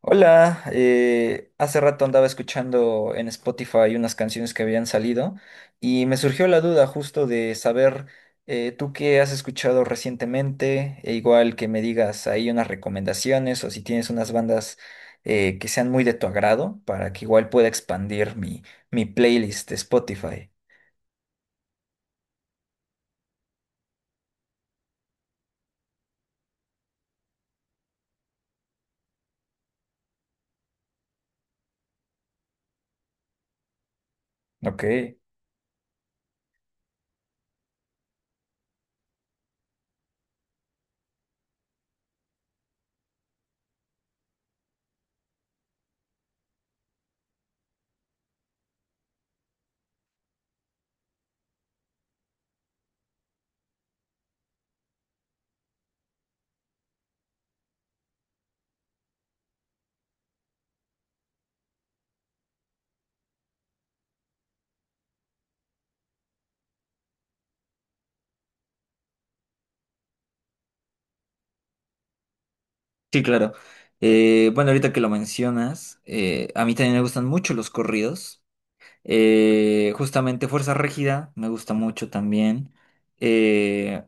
Hola, hace rato andaba escuchando en Spotify unas canciones que habían salido y me surgió la duda justo de saber tú qué has escuchado recientemente, e igual que me digas ahí unas recomendaciones o si tienes unas bandas que sean muy de tu agrado para que igual pueda expandir mi playlist de Spotify. Ok. Sí, claro. Bueno, ahorita que lo mencionas, a mí también me gustan mucho los corridos. Justamente Fuerza Régida me gusta mucho también. Eh,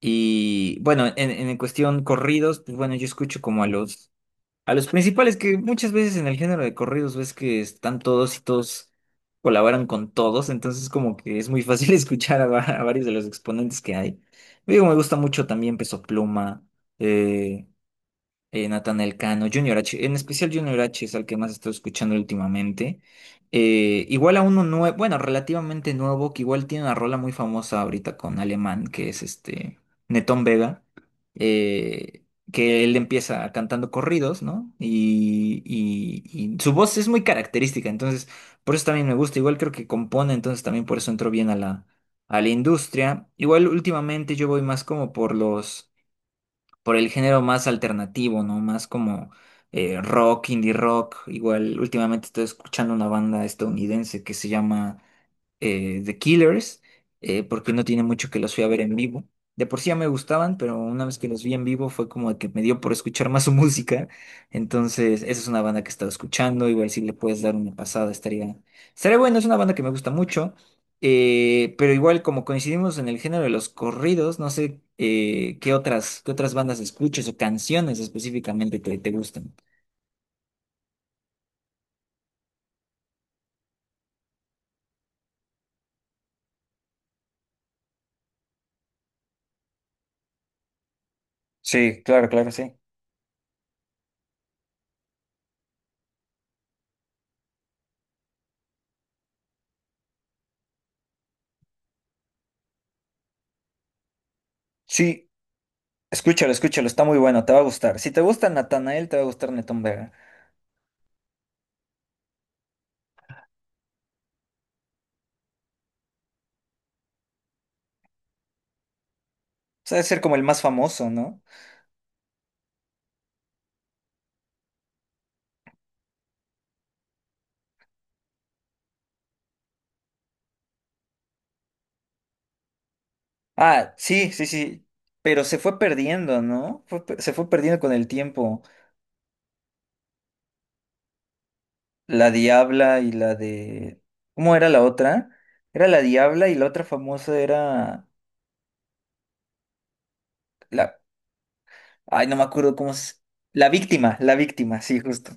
y bueno, en cuestión corridos, pues bueno, yo escucho como a a los principales, que muchas veces en el género de corridos ves que están todos y todos colaboran con todos. Entonces como que es muy fácil escuchar a, a varios de los exponentes que hay. Digo, me gusta mucho también Peso Pluma, eh, Natanael Cano, Junior H, en especial Junior H es al que más he estado escuchando últimamente. Igual a uno nuevo, bueno, relativamente nuevo, que igual tiene una rola muy famosa ahorita con Alemán, que es este Netón Vega, eh, que él empieza cantando corridos, ¿no? Y su voz es muy característica, entonces por eso también me gusta, igual creo que compone, entonces también por eso entró bien a a la industria. Igual últimamente yo voy más como por los por el género más alternativo, ¿no? Más como rock, indie rock. Igual últimamente estoy escuchando una banda estadounidense que se llama The Killers, porque no tiene mucho que los fui a ver en vivo. De por sí ya me gustaban, pero una vez que los vi en vivo fue como que me dio por escuchar más su música. Entonces, esa es una banda que he estado escuchando. Igual si le puedes dar una pasada, estaría bueno. Es una banda que me gusta mucho. Pero igual, como coincidimos en el género de los corridos, no sé, qué qué otras bandas escuches o canciones específicamente que te gustan. Sí, claro, claro, sí. Sí, escúchalo, está muy bueno, te va a gustar. Si te gusta Natanael, te va a gustar Netón Vega. O sea, debe ser como el más famoso, ¿no? Ah, sí, sí, sí. Pero se fue perdiendo, ¿no? Se fue perdiendo con el tiempo. La Diabla y la de... ¿Cómo era la otra? Era la Diabla y la otra famosa era... La... Ay, no me acuerdo cómo es... la Víctima, sí, justo.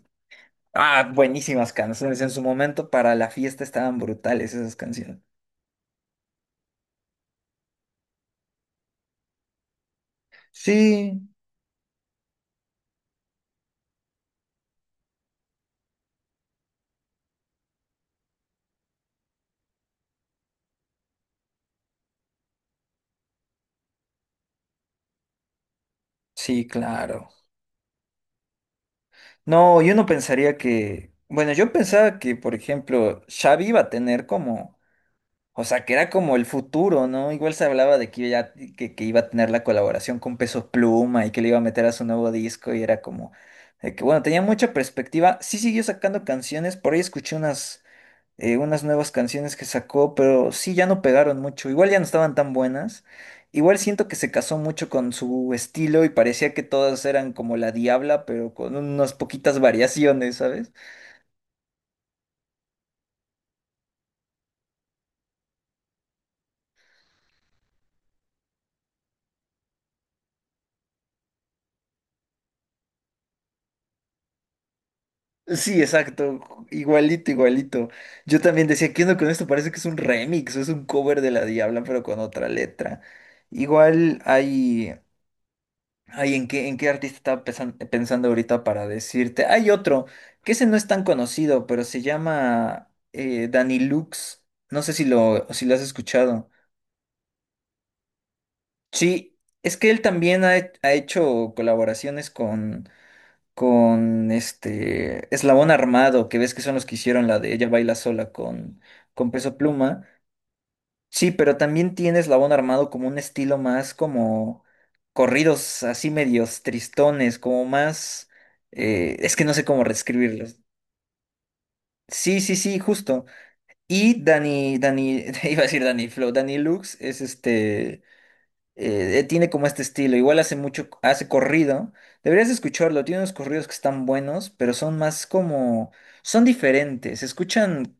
Ah, buenísimas canciones. En su momento para la fiesta estaban brutales esas canciones. Sí, sí, claro. No, yo no pensaría que, bueno, yo pensaba que, por ejemplo, Xavi iba a tener como, o sea, que era como el futuro, ¿no? Igual se hablaba de ya, que iba a tener la colaboración con Pesos Pluma y que le iba a meter a su nuevo disco y era como, de que, bueno, tenía mucha perspectiva. Sí siguió sacando canciones, por ahí escuché unas unas nuevas canciones que sacó, pero sí, ya no pegaron mucho. Igual ya no estaban tan buenas. Igual siento que se casó mucho con su estilo y parecía que todas eran como la Diabla, pero con unas poquitas variaciones, ¿sabes? Sí, exacto, igualito, igualito. Yo también decía, ¿qué onda con esto? Parece que es un remix, es un cover de la Diabla, pero con otra letra. Igual hay, ay, en qué artista estaba pensando ahorita para decirte? Hay otro, que ese no es tan conocido, pero se llama Danny Lux. No sé si si lo has escuchado. Sí, es que él también ha, ha hecho colaboraciones con este Eslabón Armado, que ves que son los que hicieron la de Ella Baila Sola con Peso Pluma. Sí, pero también tiene Eslabón Armado como un estilo más como corridos así medios tristones, como más... es que no sé cómo reescribirlos. Sí, sí, sí, justo. Y Dani, Dani, iba a decir Dani Flow, Dani Lux es este... tiene como este estilo, igual hace mucho, hace corrido. Deberías escucharlo, tiene unos corridos que están buenos, pero son más como... Son diferentes, se escuchan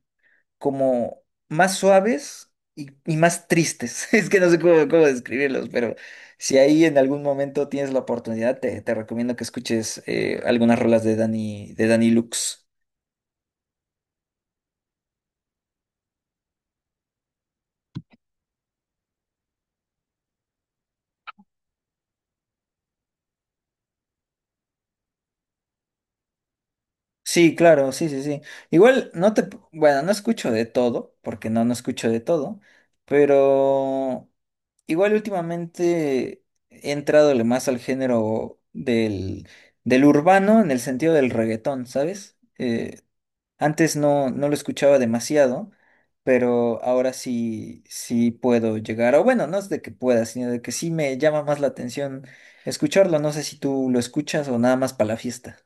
como más suaves y más tristes. Es que no sé cómo, cómo describirlos, pero si ahí en algún momento tienes la oportunidad, te recomiendo que escuches, algunas rolas de Dani Lux. Sí, claro, sí, sí, sí. Igual no te, bueno, no escucho de todo, porque no escucho de todo, pero igual últimamente he entrado más al género del urbano, en el sentido del reggaetón, ¿sabes? Antes no, no lo escuchaba demasiado, pero ahora sí, sí puedo llegar, o bueno, no es de que pueda, sino de que sí me llama más la atención escucharlo. No sé si tú lo escuchas o nada más para la fiesta.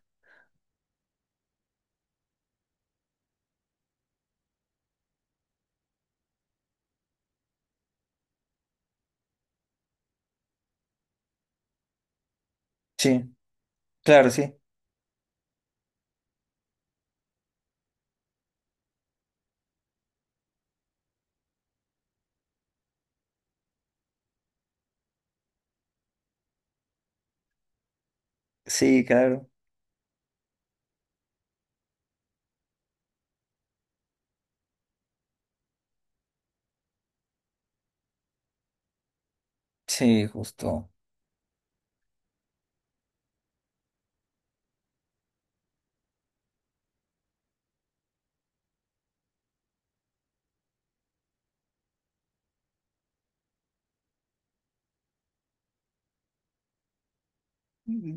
Sí, claro, sí. Sí, claro. Sí, justo.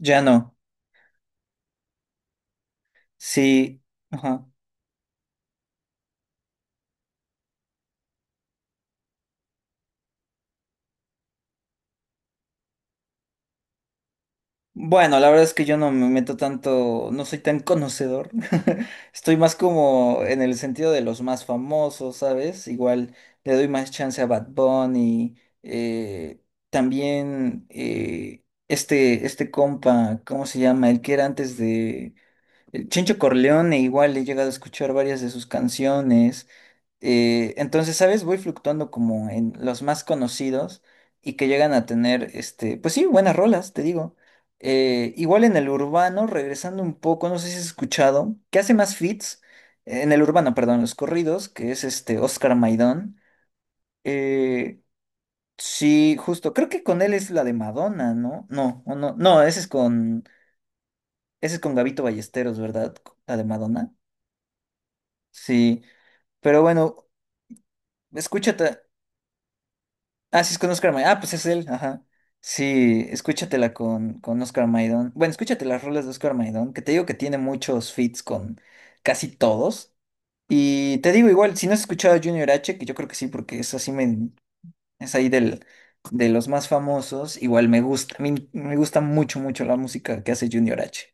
Ya no. Sí. Ajá. Bueno, la verdad es que yo no me meto tanto, no soy tan conocedor. Estoy más como en el sentido de los más famosos, ¿sabes? Igual le doy más chance a Bad Bunny. eh, también este compa, ¿cómo se llama? El que era antes de... el Chencho Corleone, igual he llegado a escuchar varias de sus canciones. Entonces, ¿sabes? Voy fluctuando como en los más conocidos y que llegan a tener, este, pues sí, buenas rolas, te digo. Igual en el urbano, regresando un poco, no sé si has escuchado, que hace más feats, en el urbano, perdón, los corridos, que es este Oscar Maidón. Eh, sí, justo, creo que con él es la de Madonna, ¿no? No, o no, no, ese es con Gabito Ballesteros, ¿verdad? La de Madonna. Sí, pero bueno, escúchate. Ah, sí, es con Oscar Maidón. Ah, pues es él, ajá. Sí, escúchatela con Oscar Maidón. Bueno, escúchate las rolas de Oscar Maidón, que te digo que tiene muchos feats con casi todos. Y te digo igual, si no has escuchado a Junior H, que yo creo que sí, porque es así, me, es ahí del, de los más famosos, igual me gusta, a mí me gusta mucho, mucho la música que hace Junior H.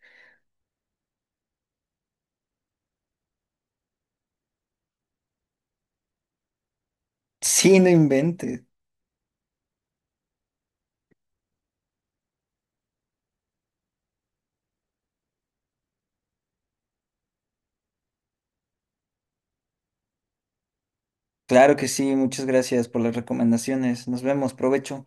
Sí, no inventes. Claro que sí, muchas gracias por las recomendaciones. Nos vemos, provecho.